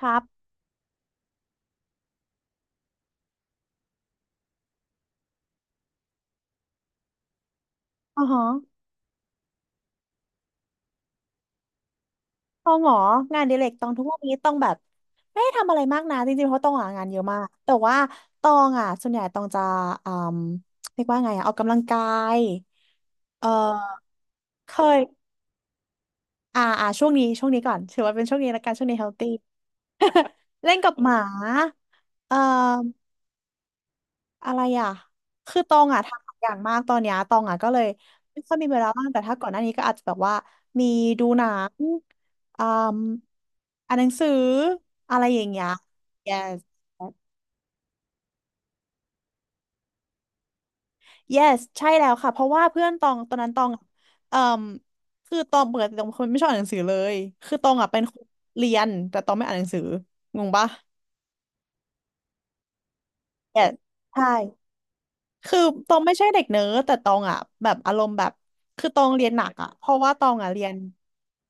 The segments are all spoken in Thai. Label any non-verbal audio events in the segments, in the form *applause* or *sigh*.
ครับอ๋อฮะตองเหรองานอดิเรกตองทุกวันนี้ ต้องแบบไม่ได้ทำอะไรมากนะจริงๆเพราะตองอ่ะงานเยอะมากแต่ว่าตองอ่ะส่วนใหญ่ตองจะอืมเรียกว่าไงอ่ะออกกำลังกาย เออเคย อ่าอ่าช่วงนี้ช่วงนี้ก่อน ถือว่าเป็นช่วงนี้ละกันช่วงนี้เฮลตี้เล่นกับหมาเออ อะไรอ่ะคือตองอ่ะทำหลายอย่างมากตอนเนี้ยตองอ่ะก็เลยไม่ค่อยมีเวลาว่างแต่ถ้าก่อนหน้านี้ก็อาจจะแบบว่ามีดูหนังอืมอ่านหนังสืออะไรอย่างเงี้ย yes yes ใช่แล้วค่ะเพราะว่าเพื่อนตองตอนนั้นตองอะเอ่มคือตองเปิดตองเป็นคนไม่ชอบอ่านหนังสือเลยคือตองอ่ะเป็นคนเรียนแต่ตองไม่อ่านหนังสืองงปะ yes ใช่ คือตองไม่ใช่เด็กเนิร์ดแต่ตองอ่ะแบบอารมณ์แบบคือตองเรียนหนักอ่ะเพราะว่าตองอ่ะเรียน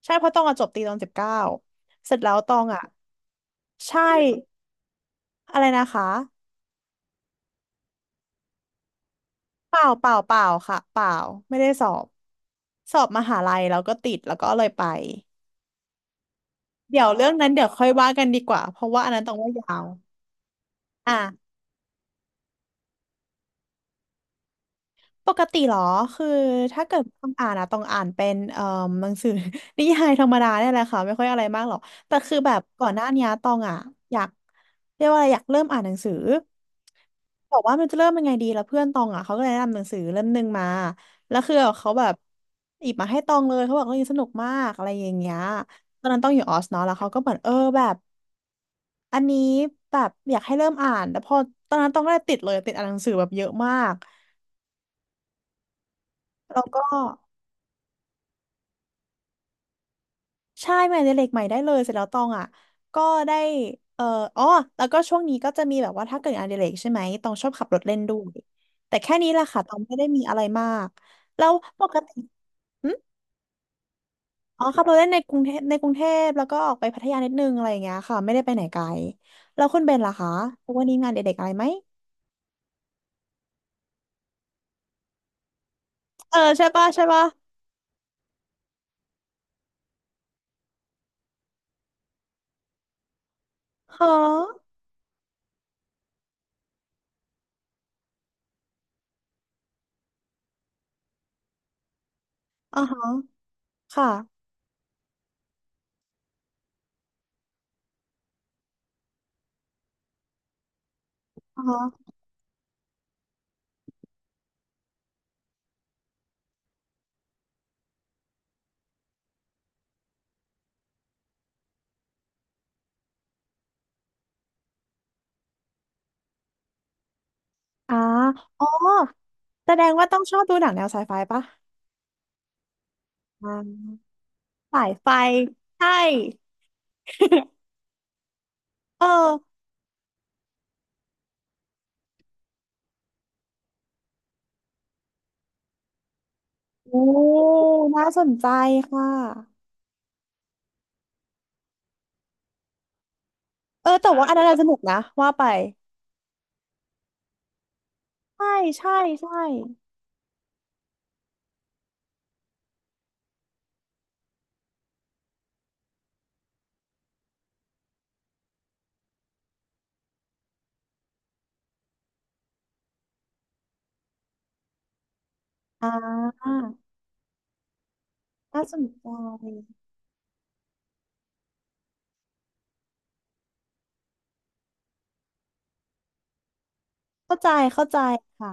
ใช่เพราะตองอ่ะจบตีตอน19เสร็จแล้วตองอ่ะใช่อะไรนะคะเปล่าเปล่าเปล่าค่ะเปล่าไม่ได้สอบสอบมหาลัยแล้วก็ติดแล้วก็เลยไปเดี๋ยวเรื่องนั้นเดี๋ยวค่อยว่ากันดีกว่าเพราะว่าอันนั้นตองว่ายาวอ่า ปกติเหรอ คือถ้าเกิดต้องอ่านอะต้องอ่านเป็นหนังสือ *laughs* นิยายธรรมดาเนี่ยแหละค่ะไม่ค่อยอะไรมากหรอกแต่คือแบบก่อนหน้านี้ตองอะอยากเรียกว่าอะไรอยากเริ่มอ่านหนังสือบอกว่ามันจะเริ่มยังไงดีแล้วเพื่อนตองอ่ะเขาก็เลยแนะนำหนังสือเล่มหนึ่งมาแล้วคือเขาแบบหยิบมาให้ตองเลยเขาบอกเรื่องนี้สนุกมากอะไรอย่างเงี้ยตอนนั้นต้องอยู่ออสเนาะแล้วเขาก็เหมือนเออแบบอันนี้แบบอยากให้เริ่มอ่านแล้วพอตอนนั้นต้องก็เลยติดเลยติดอ่านหนังสือแบบเยอะมากแล้วก็ ใช่งานอดิเรกใหม่ได้เลยเสร็จแล้วตองอ่ะก็ได้เอ่ออ๋อแล้วก็ช่วงนี้ก็จะมีแบบว่าถ้าเกิดงานอดิเรกใช่ไหมตองชอบขับรถเล่นด้วยแต่แค่นี้แหละค่ะตองไม่ได้มีอะไรมากแล้วปกติอืมอ๋อขับรถเล่นในกรุงเทพในกรุงเทพแล้วก็ออกไปพัทยานิดนึงอะไรอย่างเงี้ยค่ะไม่ได้ไปไหนไกลแล้วคุณเบนล่ะคะวันนี้งานอดิเรกอะไรไหมเออใช่ปะใช่ปะฮะอ๋อฮะค่ะอ๋อฮะอ่าอ๋อแสดงว่าต้องชอบดูหนังแนวไซไฟปะอ่า สายไฟใช่เออโอ้น่าสนใจค่ะเออแต่ว่าอันนั้นน่ะสนุกนะว่าไปใช่ใช่ใช่อ่าน่าสนใจเข้าใจเข้าใจค่ะ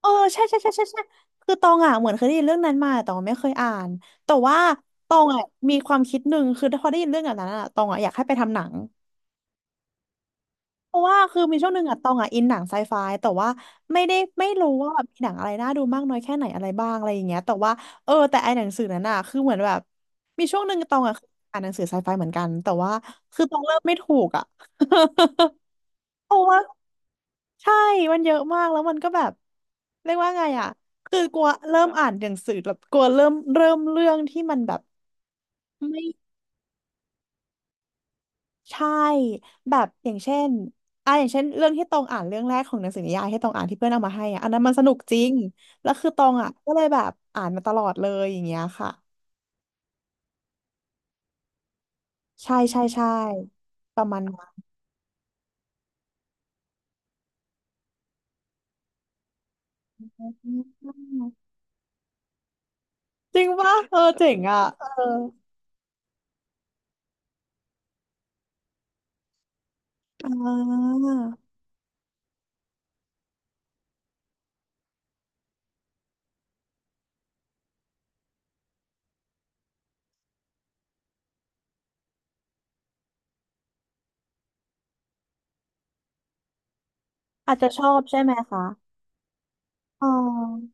เออใช่ใช่ใช่ใช่ใช่คือตองอ่ะเหมือนเคยได้ยินเรื่องนั้นมาแต่ตองไม่เคยอ่านแต่ว่าตองอ่ะมีความคิดหนึ่งคือพอได้ยินเรื่องแบบนั้นอ่ะตองอ่ะอยากให้ไปทำหนัง เพราะว่าคือมีช่วงหนึ่งอะตองอะอินหนังไซไฟแต่ว่าไม่ได้ไม่รู้ว่าแบบมีหนังอะไรน่าดูมากน้อยแค่ไหนอะไรบ้างอะไรอย่างเงี้ยแต่ว่าเออแต่ไอหนังสือนั้นอะคือเหมือนแบบมีช่วงหนึ่งตองอะอ่านหนังสือไซไฟเหมือนกันแต่ว่าคือตองเริ่มไม่ถูกอะ *laughs* เพราะว่าใช่มันเยอะมากแล้วมันก็แบบเรียกว่าไงอะคือกลัวเริ่มอ่านหนังสือแบบกลัวเริ่มเริ่มเรื่องที่มันแบบไม่ ใช่แบบอย่างเช่นอ่าอย่างเช่นเรื่องที่ตองอ่านเรื่องแรกของหนังสือนิยายที่ตองอ่านที่เพื่อนเอามาให้อะอันนั้นมันสนุกจริงแล้วคือตองอ่ะก็เลยแบบอ่านมาตลอดเลยอย่างเงี้ยค่ะใช่ใช่ใช่ประมาณนั้นอืมจริงป่ะเออเจ๋งอ่ะเอออ่าอาจจะชอบใช่ไหมคะอ๋อ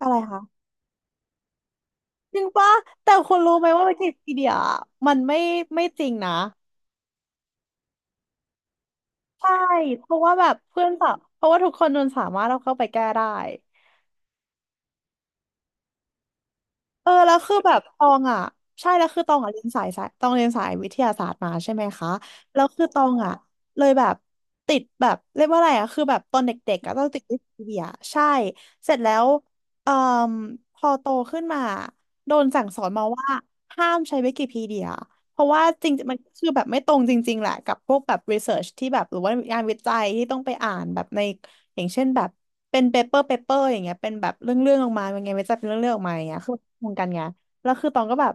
อะไรคะจริงป่ะแต่คนรู้ไหมว่าวิกิพีเดียมันไม่ไม่จริงนะใช่เพราะว่าแบบเพื่อนสาวเพราะว่าทุกคนมันสามารถเอาเข้าไปแก้ได้ เออแล้วคือแบบตองอ่ะใช่แล้วคือตองอ่ะเรียนสายสายตองเรียนสายวิทยาศาสตร์มาใช่ไหมคะแล้วคือตองอ่ะเลยแบบติดแบบเรียกว่าอะไรอ่ะคือแบบตอนเด็กๆอ่ะต้องติดวิทย์เบียร์ใช่เสร็จแล้วเอ่อพอโตขึ้นมาโดนสั่งสอนมาว่าห้ามใช้วิกิพีเดีย เพราะว่าจริงๆมันก็คือแบบไม่ตรงจริงๆแหละกับพวกแบบรีเสิร์ชที่แบบหรือว่างานวิจัยที่ต้องไปอ่านแบบในอย่างเช่นแบบเป็นเปเปอร์อย่างเงี้ยเป็นแบบเรื่องออกมาเป็นไงานวิจัยเป็นเรื่องออกมาอย่างเงี้ยคือตรงกันไงแล้วคือตองก็แบบ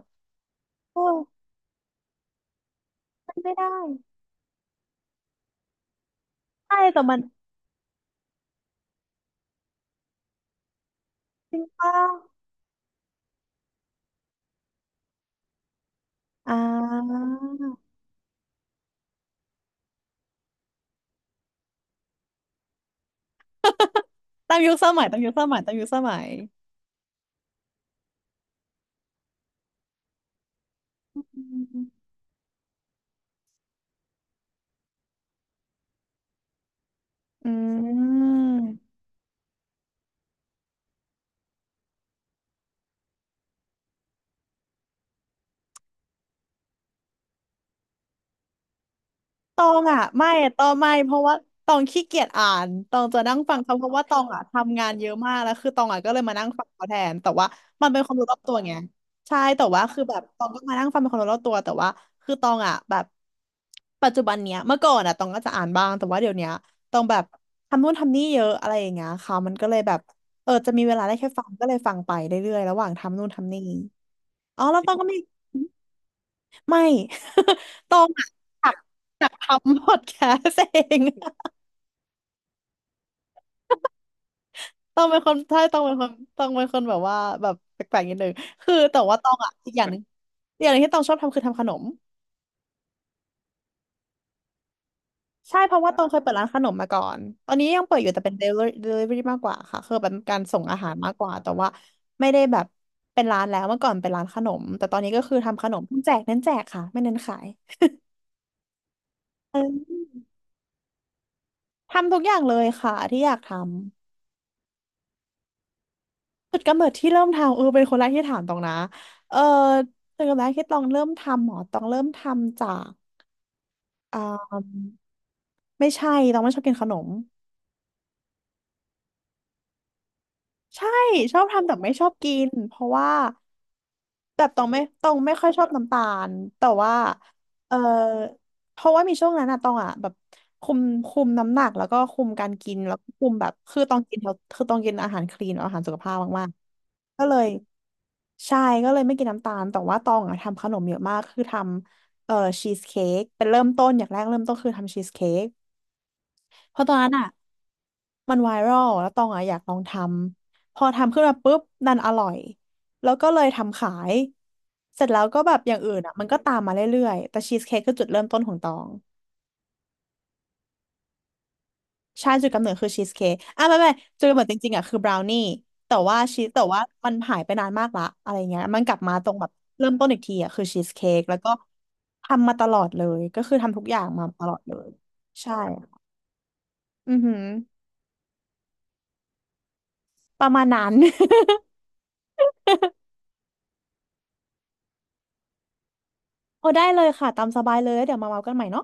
โอ้ยมันไม่ได้ใช่แต่มันจริงป่ะอ่าตามยุคสมัยตามยุคสมัยตามยุคสมัยอืม ตองอ่ะไม่ตองไม่เพราะว่าตองขี้เกียจอ่านตองจะนั่งฟังเขาเพราะว่าตองอ่ะทำงานเยอะมากแล้วคือตองอ่ะก็เลยมานั่งฟังเขาแทนแต่ว่ามันเป็นความรู้รอบตัวไงใช่แต่ว่าคือแบบตองก็มานั่งฟังเป็นความรู้รอบตัวแต่ว่าคือตองอ่ะแบบปัจจุบันเนี้ยเมื่อก่อนอ่ะตองก็จะอ่านบ้างแต่ว่าเดี๋ยวเนี้ยตองแบบทำนู่นทำนี่เยอะอะไรอย่างเงี้ยค่ะมันก็เลยแบบเออจะมีเวลาได้แค่ฟังก็เลยฟังไปเรื่อยๆระหว่างทำนู่นทำนี่อ๋อแล้วตองก็มี ไม่ *laughs* ตองอะอยากอยากทำพอดแคสต์เอง *laughs* ต้องเป็นคนใช่ต้องเป็นคนต้องเป็นคนแบบว่าแบบแปลกๆนิดนึง คือแต่ว่าตองอ่ะอีกอย่างหนึงอีกอย่างหนึงที่ตองชอบทำคือทำขนมใช่เพราะว่าตองเคยเปิดร้านขนมมาก่อน ตอนนี้ยังเปิดอยู่แต่เป็น delivery มากกว่าค่ะคือเป็นการส่งอาหารมากกว่า แต่ว่าไม่ได้แบบเป็นร้านแล้วเมื่อก่อนเป็นร้านขนม แต่ตอนนี้ก็คือทำขนมแจกเน้นแจกค่ะไม่เน้นขายเออทำทุกอย่างเลยค่ะที่อยากทำ จุดกำเนิดที่เริ่มทำเออเป็นคนแรกที่ถามตองนะเออจุดกำเนิดที่ตองเริ่มทำหมอตองเริ่มทำจากอ่าไม่ใช่ตองไม่ชอบกินขนม ใช่ชอบทำแต่ไม่ชอบกินเพราะว่าแบบตองไม่ค่อยชอบน้ำตาลแต่ว่าเออเพราะว่ามีช่วงนั้นอะตองอะแบบคุมคุมน้ำหนักแล้วก็คุมการกินแล้วก็คุมแบบคือตองกินแล้วคือตองกินอาหารคลีนอาหารสุขภาพมากๆก็เลยใช่ก็เลยไม่กินน้ำตาลแต่ว่าตองอะทำขนมเยอะมากคือทำชีสเค้กเป็นเริ่มต้นอย่างแรกเริ่มต้นคือทำชีสเค้กเพราะตอนนั้นอะ มันไวรัลแล้วตองอะอยากลองทำพอทำขึ้นมาปุ๊บดันอร่อยแล้วก็เลยทำขายเสร็จแล้วก็แบบอย่างอื่นอะมันก็ตามมาเรื่อยๆแต่ชีสเค้กคือจุดเริ่มต้นของตองใช่จุดกำเนิดคือชีสเค้กอ่ะไม่จุดกำเนิดจริงๆอะคือบราวนี่แต่ว่าชีสแต่ว่ามันหายไปนานมากละอะไรเงี้ยมันกลับมาตรงแบบเริ่มต้นอีกทีอะคือชีสเค้กแล้วก็ทำมาตลอดเลยก็คือทำทุกอย่างมาตลอดเลยใช่อือหือประมาณนั้น *laughs* โอ้ได้เลยค่ะตามสบายเลยแล้วเดี๋ยวมาเมากันใหม่เนาะ